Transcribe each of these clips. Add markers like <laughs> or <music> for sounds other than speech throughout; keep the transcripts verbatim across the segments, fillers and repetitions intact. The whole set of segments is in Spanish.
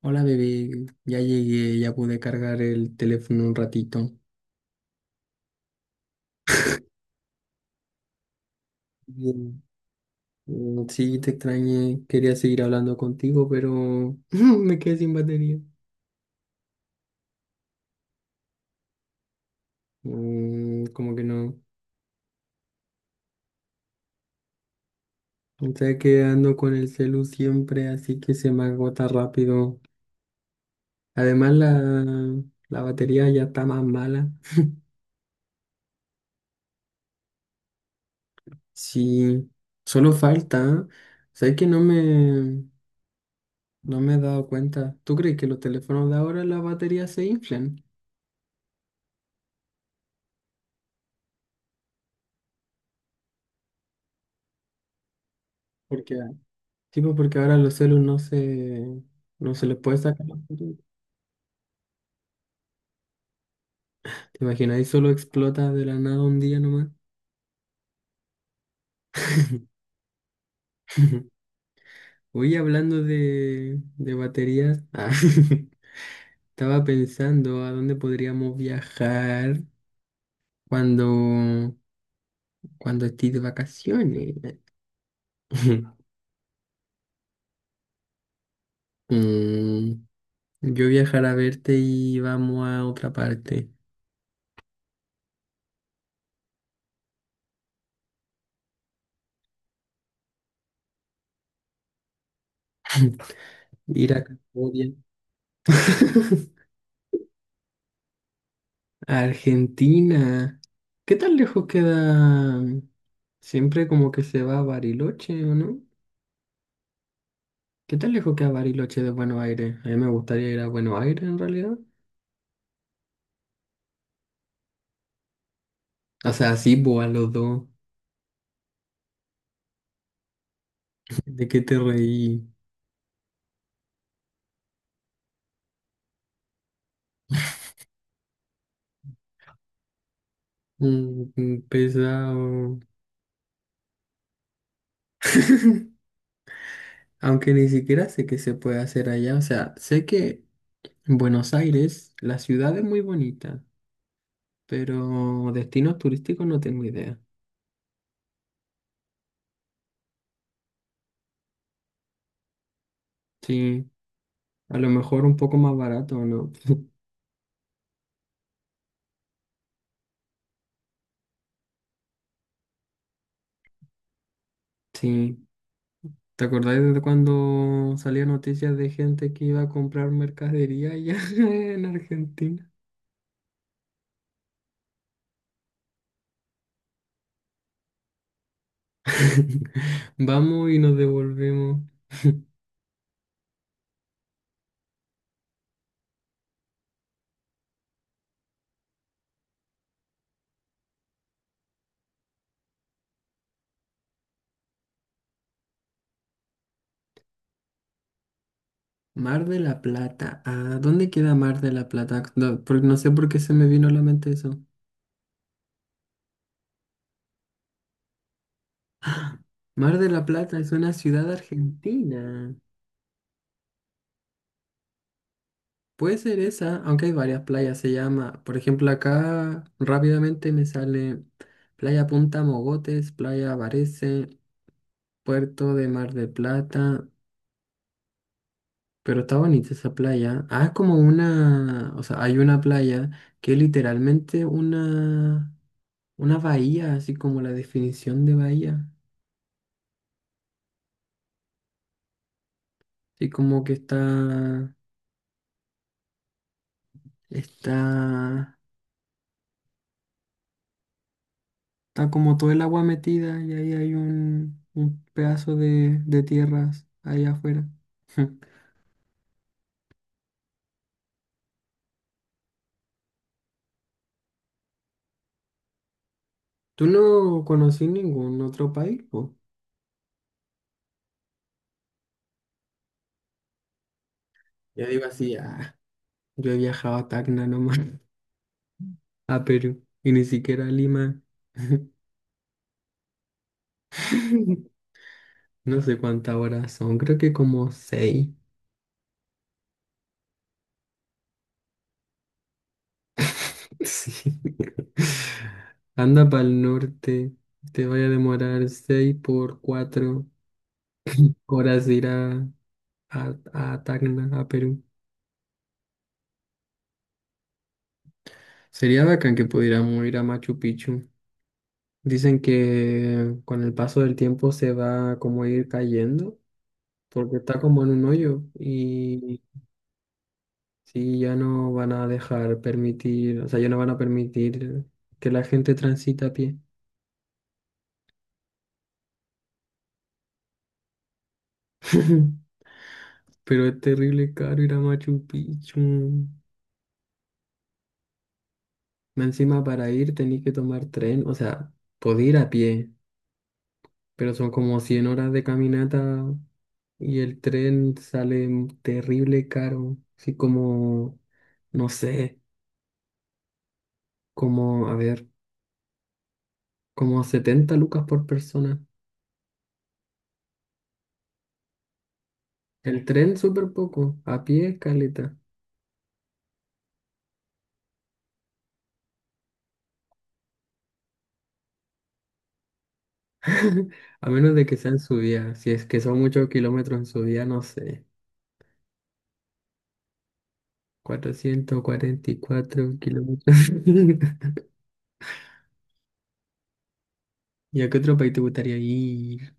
Hola bebé, ya llegué, ya pude cargar el teléfono un ratito. Bien. Mm, sí, te extrañé, quería seguir hablando contigo, pero <laughs> me quedé sin batería. Mm, como que no. O sea que ando con el celu siempre, así que se me agota rápido. Además la, la batería ya está más mala. Sí, solo falta. Sabes que no me, no me he dado cuenta. ¿Tú crees que los teléfonos de ahora las baterías se inflan? Porque Sí, pues, porque ahora los celus no se, no se les puede sacar la foto. ¿Te imaginas? Ahí solo explota de la nada un día nomás. <laughs> Oye, hablando de, de baterías, <laughs> ah, <laughs> estaba pensando a dónde podríamos viajar cuando, cuando estés de vacaciones. <laughs> Mm, yo viajar a verte y vamos a otra parte. <laughs> Ir a Camboya. <laughs> Argentina. ¿Qué tan lejos queda? Siempre como que se va a Bariloche, ¿o no? ¿Qué tan lejos queda Bariloche de Buenos Aires? A mí me gustaría ir a Buenos Aires en realidad. O sea, sí, pues a los dos. ¿De qué te reí? Mm, mm, pesado. <laughs> Aunque ni siquiera sé qué se puede hacer allá. O sea, sé que Buenos Aires, la ciudad es muy bonita, pero destinos turísticos no tengo idea. Sí, a lo mejor un poco más barato, ¿no? Sí. ¿Te acordáis de cuando salía noticias de gente que iba a comprar mercadería allá <laughs> en Argentina? <laughs> Vamos y nos devolvemos. Mar de la Plata. Ah, ¿dónde queda Mar de la Plata? No, por- no sé por qué se me vino a la mente eso. Mar de la Plata es una ciudad argentina. Puede ser esa, aunque hay varias playas. Se llama, por ejemplo, acá rápidamente me sale Playa Punta Mogotes, Playa Varese, Puerto de Mar de Plata. Pero está bonita esa playa. Ah, es como una, o sea, hay una playa que es literalmente una, una bahía, así como la definición de bahía. Así como que está, está, está como todo el agua metida y ahí hay un, un pedazo de, de tierras ahí afuera. <laughs> ¿Tú no conocí ningún otro país? Po? Yo digo así, ah, yo he viajado a Tacna nomás, <laughs> a Perú, y ni siquiera a Lima. <laughs> No sé cuántas horas son, creo que como seis. <laughs> Sí. Anda para el norte, te vaya a demorar seis por cuatro horas de ir a, a, a Tacna, a Perú. Sería bacán que pudiéramos ir a Machu Picchu. Dicen que con el paso del tiempo se va como a ir cayendo, porque está como en un hoyo y sí, ya no van a dejar permitir, o sea, ya no van a permitir que la gente transita a pie. <laughs> Pero es terrible caro ir a Machu Picchu. Más encima para ir tenés que tomar tren, o sea, podés ir a pie, pero son como cien horas de caminata y el tren sale m- terrible caro. Así como, no sé, como, a ver, como setenta lucas por persona. El tren súper poco, a pie caleta. <laughs> A menos de que sea en subida, si es que son muchos kilómetros en subida, no sé. Cuatrocientos cuarenta y cuatro kilómetros. <laughs> ¿Y a qué otro país te gustaría ir?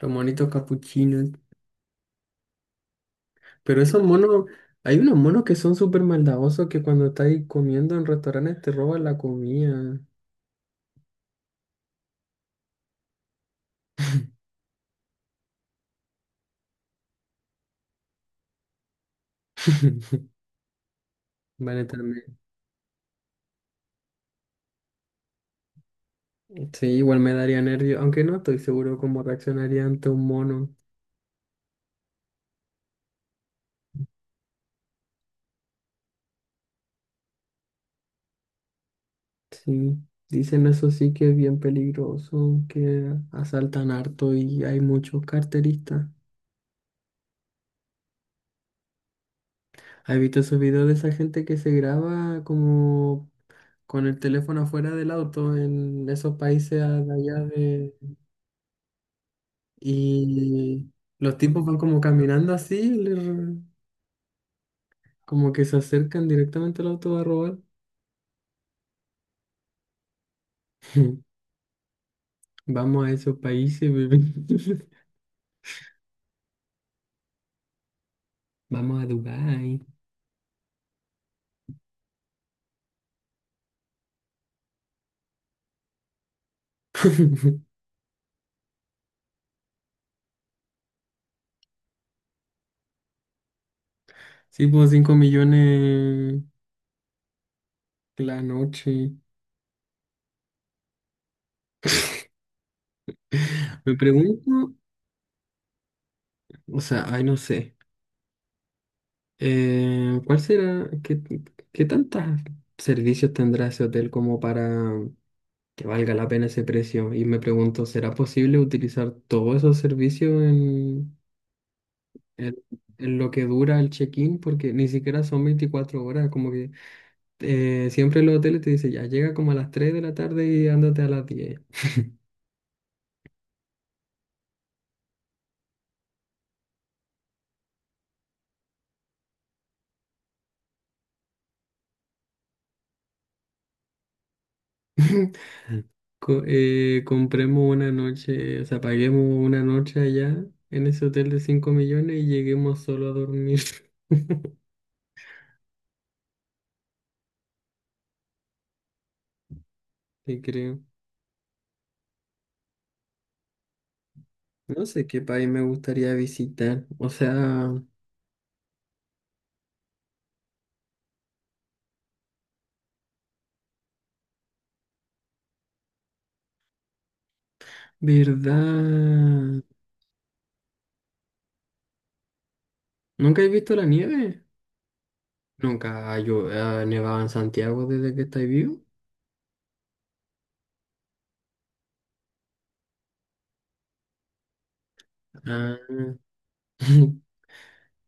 Los monitos capuchinos. Pero esos monos, hay unos monos que son súper maldadosos que cuando estáis comiendo en restaurantes te roban la comida. <laughs> Vale, también. Sí, igual me daría nervio, aunque no estoy seguro cómo reaccionaría ante un mono. Sí, dicen eso sí que es bien peligroso, que asaltan harto y hay muchos carteristas. ¿Has visto esos videos de esa gente que se graba como con el teléfono afuera del auto en esos países a- de allá de... Y los tipos van como caminando así, le- como que se acercan directamente al auto a robar. <laughs> Vamos a esos países, bebé. <laughs> Vamos a Dubái. <laughs> Sí, pues cinco millones la noche. <laughs> Me pregunto, o sea, ay, no sé. Eh, ¿cuál será? ¿Qué, qué tantos servicios tendrá ese hotel como para que valga la pena ese precio. Y me pregunto, ¿será posible utilizar todos esos servicios en, en, en lo que dura el check-in? Porque ni siquiera son veinticuatro horas, como que eh, siempre en los hoteles te dice, ya llega como a las tres de la tarde y ándate a las diez. <laughs> Co- eh, compremos una noche, o sea, paguemos una noche allá en ese hotel de cinco millones y lleguemos solo a dormir. <laughs> Sí, creo. No sé qué país me gustaría visitar. O sea, ¿verdad? ¿Nunca has visto la nieve? ¿Nunca ha llo- ha nevado en Santiago desde que estáis vivo? Ah, <laughs>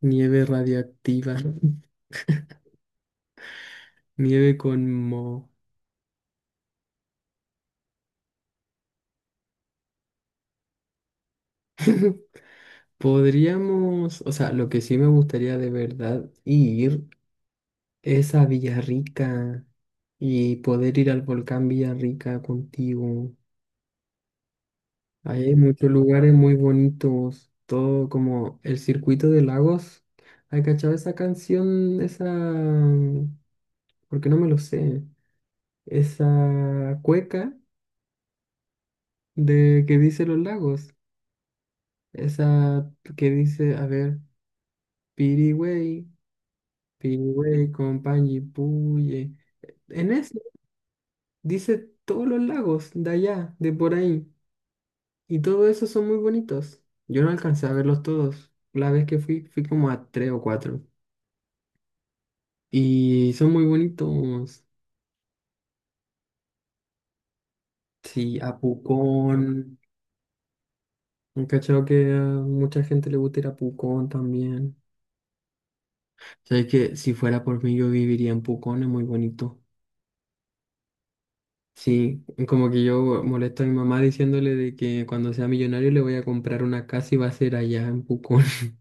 nieve radiactiva, <laughs> nieve con moho. <laughs> Podríamos, o sea, lo que sí me gustaría de verdad ir es a Villarrica y poder ir al volcán Villarrica contigo. Ahí hay muchos lugares muy bonitos, todo como el circuito de lagos. ¿Hay cachado esa canción, esa porque no me lo sé. Esa cueca de que dice los lagos, esa que dice, a ver, Piriwey, Piriwey, Compañi, Puye. En eso dice todos los lagos de allá, de por ahí, y todos esos son muy bonitos. Yo no alcancé a verlos todos. La vez que fui, fui como a tres o cuatro. Y son muy bonitos. Sí, a Pucón. He cachado que a mucha gente le gusta ir a Pucón también. Sabes que si fuera por mí yo viviría en Pucón, es muy bonito. Sí, como que yo molesto a mi mamá diciéndole de que cuando sea millonario le voy a comprar una casa y va a ser allá en Pucón. <laughs>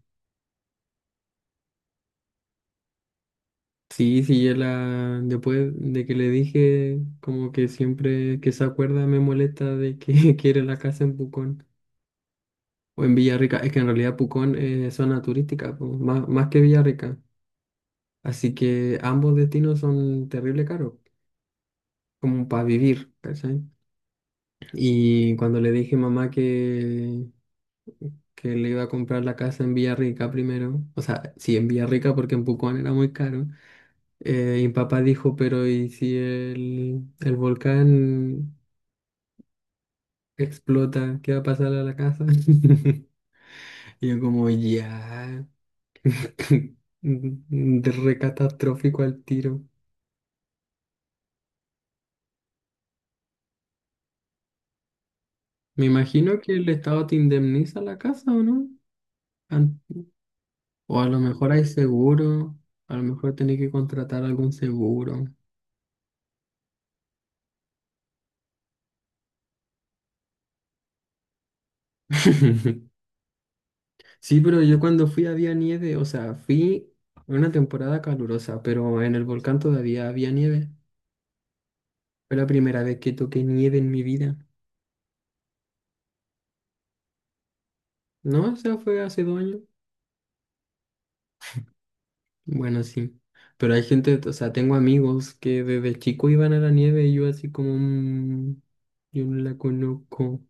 Sí, sí, yo la. Después de que le dije, como que siempre que se acuerda me molesta de que <laughs> quiere la casa en Pucón. O en Villarrica, es que en realidad Pucón es zona turística, po, más, más que Villarrica. Así que ambos destinos son terrible caros, como para vivir, ¿cachai? Y cuando le dije a mamá que, que le iba a comprar la casa en Villarrica primero, o sea, sí, en Villarrica porque en Pucón era muy caro, eh, y papá dijo, pero ¿y si el, el volcán explota? ¿Qué va a pasar a la casa? <laughs> Y yo como, ya, <laughs> de re catastrófico al tiro. Me imagino que el Estado te indemniza la casa, ¿o no? An- O a lo mejor hay seguro, a lo mejor tenés que contratar algún seguro. <laughs> Sí, pero yo cuando fui había nieve, o sea, fui en una temporada calurosa, pero en el volcán todavía había nieve. Fue la primera vez que toqué nieve en mi vida. No, o sea, fue hace dos años. Bueno, sí. Pero hay gente, o sea, tengo amigos que desde chico iban a la nieve y yo así como, "Mm, yo no la conozco".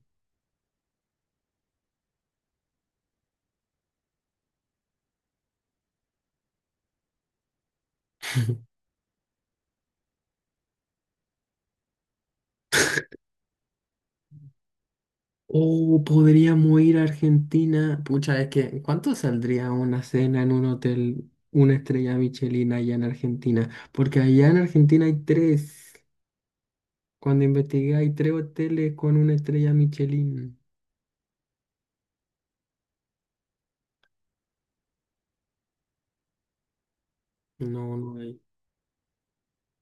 O podríamos ir a Argentina. Pucha, es que ¿cuánto saldría una cena en un hotel, una estrella Michelin allá en Argentina? Porque allá en Argentina hay tres. Cuando investigué hay tres hoteles con una estrella Michelin. No, no hay.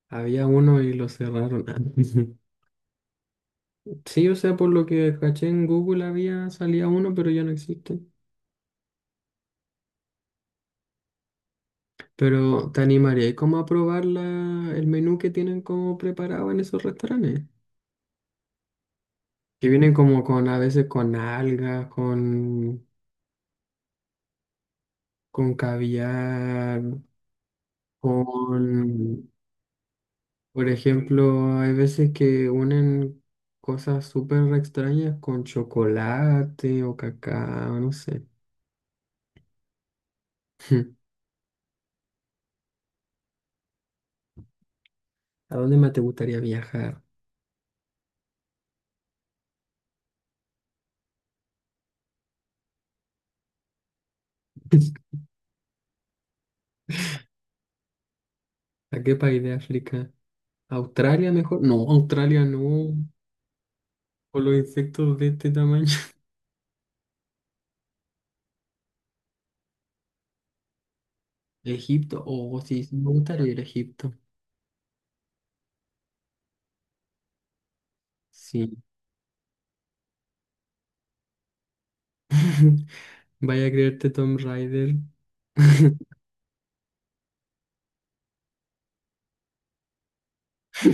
Había uno y lo cerraron. <laughs> Sí, o sea, por lo que caché en Google había, salía uno, pero ya no existe. Pero te animaría ¿y cómo a probar la- el menú que tienen como preparado en esos restaurantes? Que vienen como con, a veces con algas, con, con caviar, con, por ejemplo, hay veces que unen cosas súper extrañas con chocolate o cacao, no sé. <laughs> ¿A dónde más te gustaría viajar? <laughs> ¿A qué país de África? ¿Australia mejor? No, Australia no. Por los insectos de este tamaño. <laughs> Egipto. Oh, sí, sí, me gustaría ir a Egipto. Sí. <laughs> Vaya a creerte Tom Raider. <laughs> A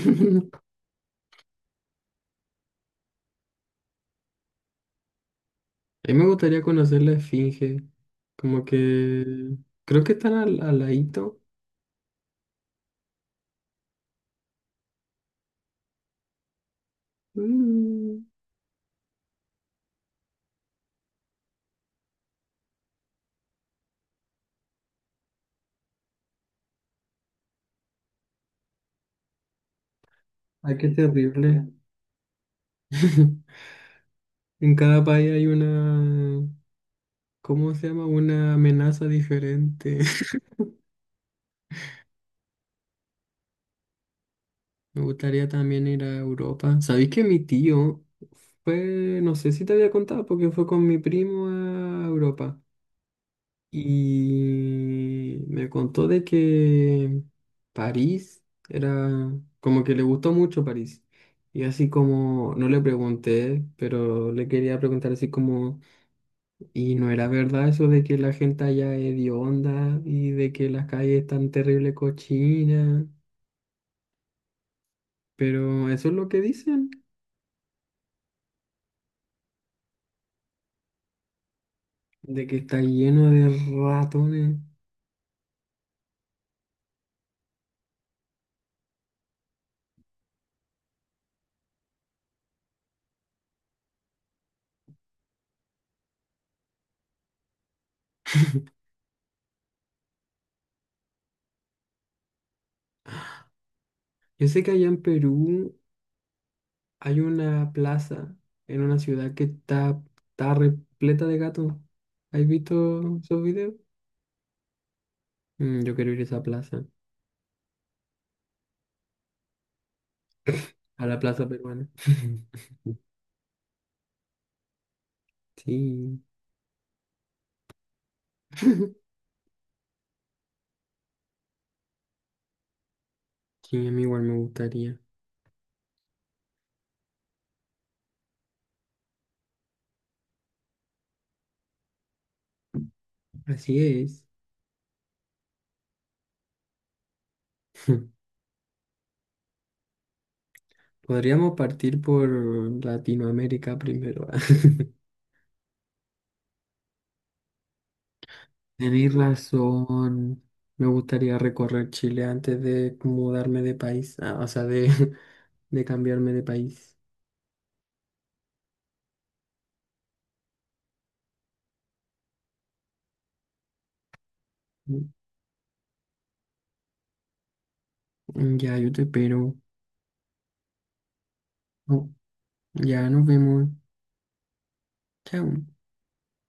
mí me gustaría conocer la Esfinge. Como que creo que están al, al ladito. Mm, ay, qué terrible. <laughs> En cada país hay una, ¿cómo se llama? Una amenaza diferente. <laughs> Me gustaría también ir a Europa. ¿Sabéis que mi tío fue, no sé si te había contado, porque fue con mi primo a Europa? Y me contó de que París era como que le gustó mucho París. Y así como, no le pregunté, pero le quería preguntar así como, ¿y no era verdad eso de que la gente allá es hedionda y de que las calles están terrible cochinas? Pero eso es lo que dicen, de que está lleno de ratones. Yo sé que allá en Perú hay una plaza en una ciudad que está, está repleta de gatos. ¿Has visto esos videos? Mm, yo quiero ir a esa plaza, a la plaza peruana. <laughs> Sí, <laughs> sí, a mí igual me gustaría. Así es. <laughs> Podríamos partir por Latinoamérica primero. <laughs> Tenéis razón. Me gustaría recorrer Chile antes de mudarme de país, ah, o sea, de, <laughs> de cambiarme de país. Mm, ya, yo te espero. Oh, ya nos vemos. Chao.